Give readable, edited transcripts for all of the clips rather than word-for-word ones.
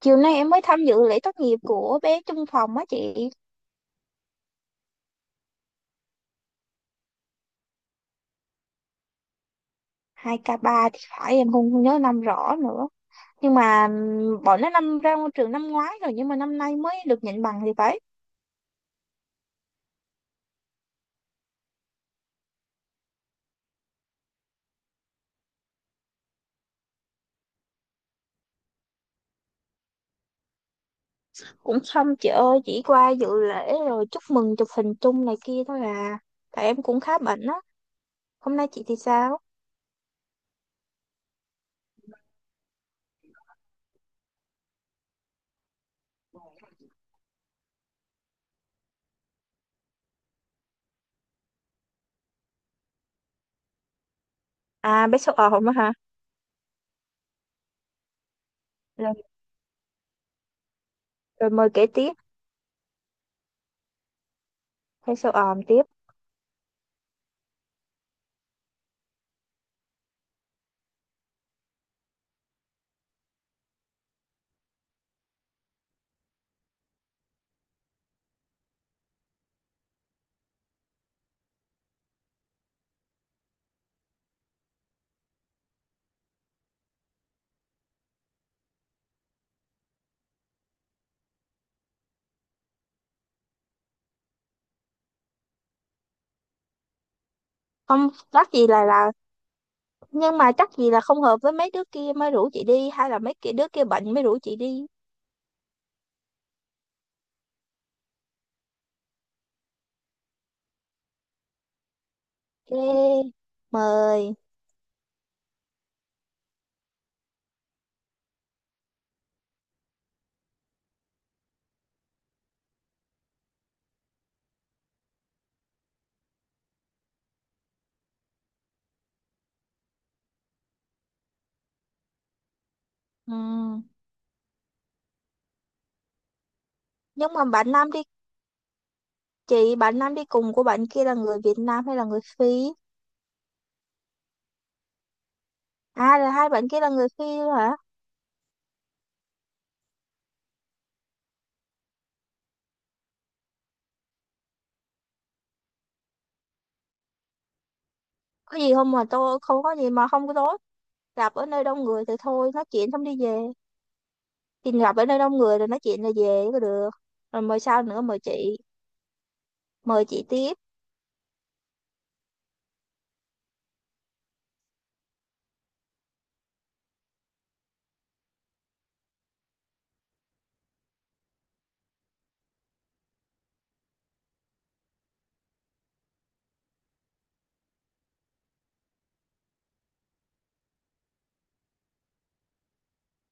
Chiều nay em mới tham dự lễ tốt nghiệp của bé chung phòng á chị. 2003 thì phải, em không không nhớ năm rõ nữa. Nhưng mà bọn nó năm ra ngôi trường năm ngoái rồi, nhưng mà năm nay mới được nhận bằng thì phải. Cũng xong chị ơi, chỉ qua dự lễ rồi chúc mừng chụp hình chung này kia thôi à. Tại em cũng khá bận á. Hôm nay chị thì sao? À, bé sâu ồm á hả? Rồi, rồi mời kể tiếp. Bé sâu ồm tiếp. Không chắc gì là. Nhưng mà chắc gì là không hợp với mấy đứa kia mới rủ chị đi, hay là mấy kia đứa kia bệnh mới rủ chị đi? Ê, mời. Ừ. Nhưng mà bạn Nam đi, chị bạn Nam đi cùng của bạn kia là người Việt Nam hay là người Phi? À là hai bạn kia là người Phi luôn hả? Có gì không mà tôi không có gì mà không có tốt. Gặp ở nơi đông người thì thôi nói chuyện xong đi về. Thì gặp ở nơi đông người rồi nói chuyện là về có được. Rồi mời sao nữa mời chị tiếp.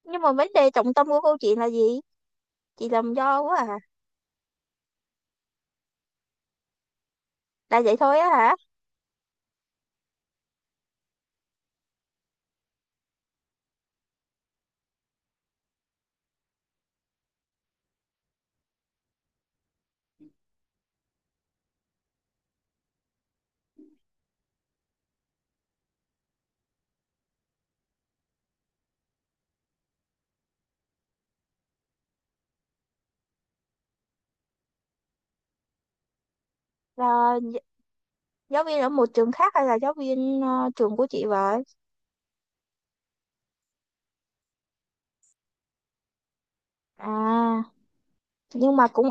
Nhưng mà vấn đề trọng tâm của câu chuyện là gì? Chị làm do quá à. Là vậy thôi á hả? Là gi- giáo viên ở một trường khác hay là giáo viên trường của chị vậy? À nhưng mà cũng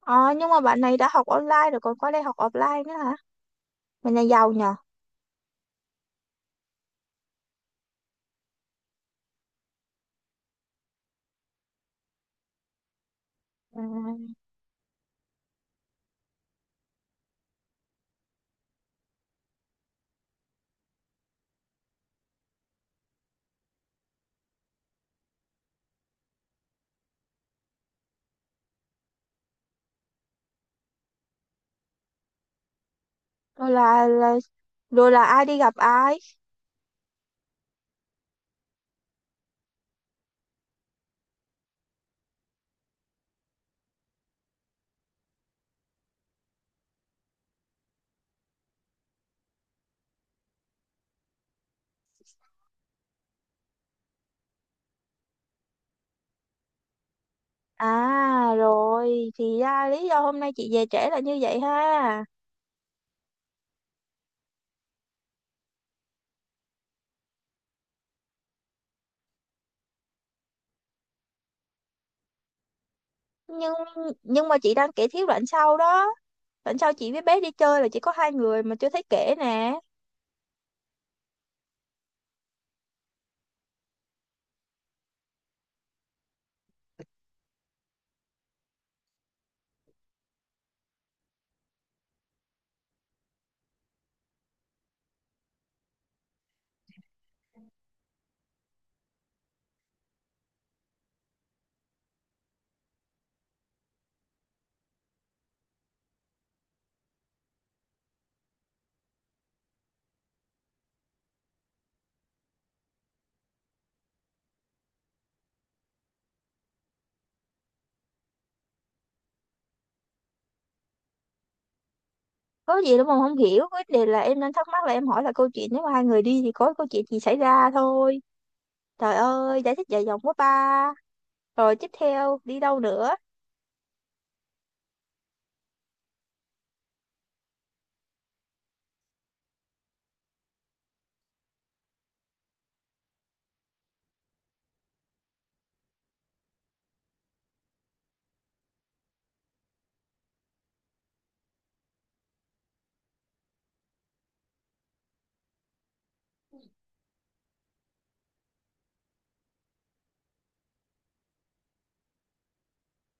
ờ nhưng mà bạn này đã học online rồi còn qua đây học offline nữa hả? Mình là giàu nhờ. À, rồi là ai đi gặp ai. À rồi thì ra lý do hôm nay chị về trễ là như vậy ha. Nhưng nhưng mà chị đang kể thiếu đoạn sau đó. Đoạn sau chị với bé đi chơi là chỉ có hai người mà chưa thấy kể nè. Có gì đâu mà không hiểu, vấn đề là em đang thắc mắc là em hỏi là câu chuyện nếu mà hai người đi thì có câu chuyện gì xảy ra thôi. Trời ơi, giải thích dài dòng quá ba. Rồi tiếp theo đi đâu nữa?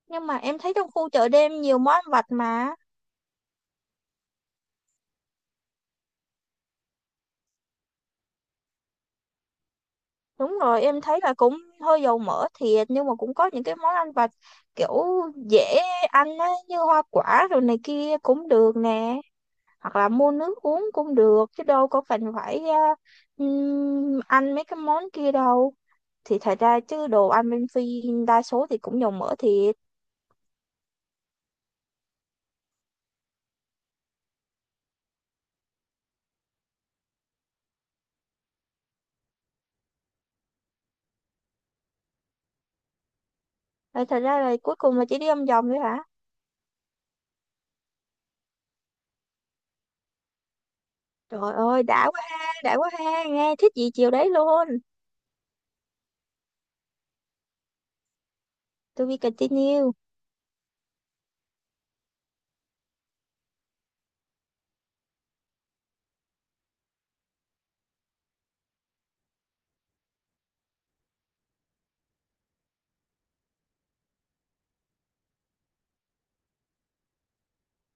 Nhưng mà em thấy trong khu chợ đêm nhiều món ăn vặt mà. Đúng rồi, em thấy là cũng hơi dầu mỡ thiệt, nhưng mà cũng có những cái món ăn vặt kiểu dễ ăn á, như hoa quả rồi này kia cũng được nè. Hoặc là mua nước uống cũng được chứ đâu có cần phải ăn mấy cái món kia đâu. Thì thật ra chứ đồ ăn bên Phi đa số thì cũng dầu mỡ thiệt. Ờ, thật ra là cuối cùng là chỉ đi ăn vòng thôi hả? Trời ơi, đã quá ha, nghe thích gì chiều đấy luôn. To be continue.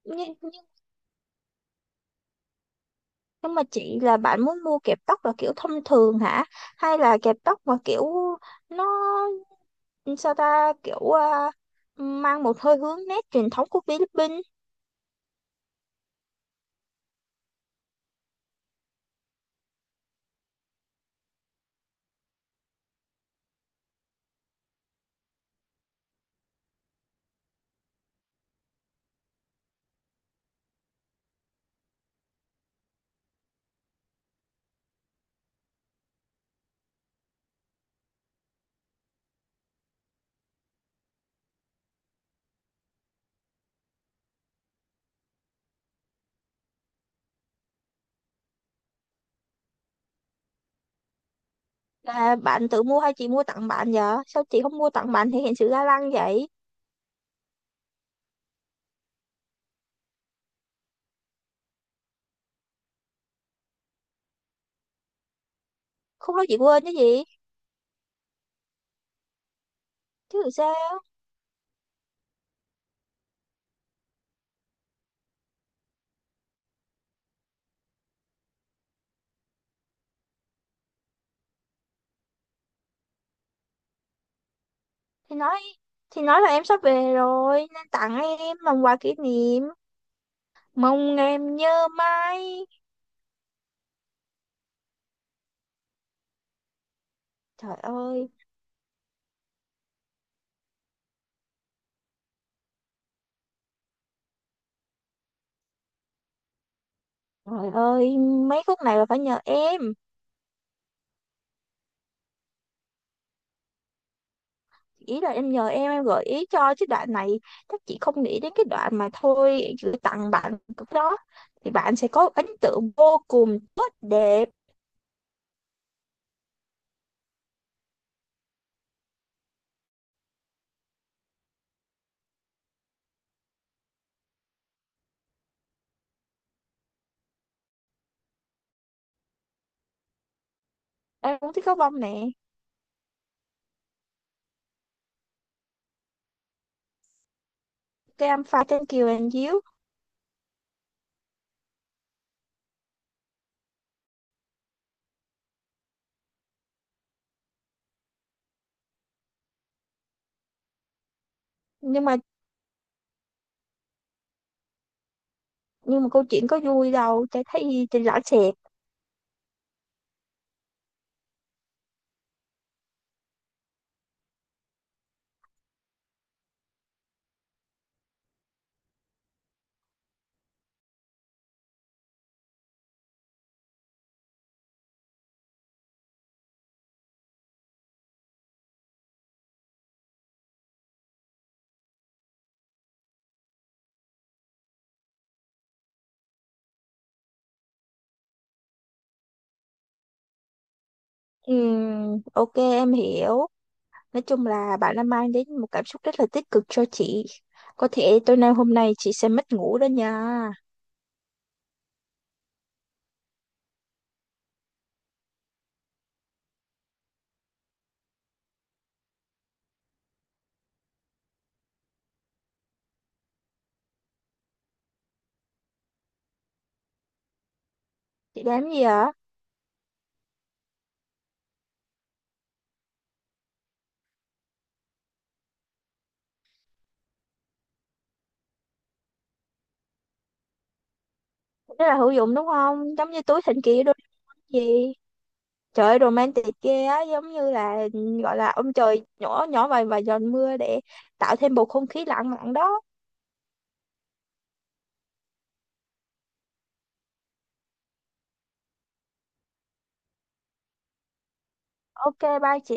Nhưng, nhưng, nhưng mà chị là bạn muốn mua kẹp tóc là kiểu thông thường hả? Hay là kẹp tóc mà kiểu nó, sao ta, kiểu mang một hơi hướng nét truyền thống của Philippines? Là bạn tự mua hay chị mua tặng bạn vậy? Sao chị không mua tặng bạn thể hiện sự ga lăng vậy? Không nói chị quên chứ gì? Chứ làm sao? Thì nói thì nói là em sắp về rồi nên tặng em làm quà kỷ niệm, mong em nhớ mãi. Trời ơi, trời ơi, mấy khúc này là phải nhờ em. Ý là em nhờ em gợi ý cho chứ đoạn này các chị không nghĩ đến cái đoạn mà thôi gửi tặng bạn cũng đó. Thì bạn sẽ có ấn tượng vô cùng tốt đẹp. Em cũng thích gấu bông nè. Cái em pha trên kiều anh díu. Nhưng mà nhưng mà câu chuyện có vui đâu, chả thấy trên rõ sệt. Ok em hiểu. Nói chung là bạn đã mang đến một cảm xúc rất là tích cực cho chị. Có thể tối nay hôm nay chị sẽ mất ngủ đó nha. Chị làm gì ạ? Rất là hữu dụng đúng không, giống như túi thần kỳ đôi gì. Trời ơi, romantic ghê á, giống như là gọi là ông trời nhỏ nhỏ vài vài giọt mưa để tạo thêm bầu không khí lãng mạn đó. Ok, bye chị.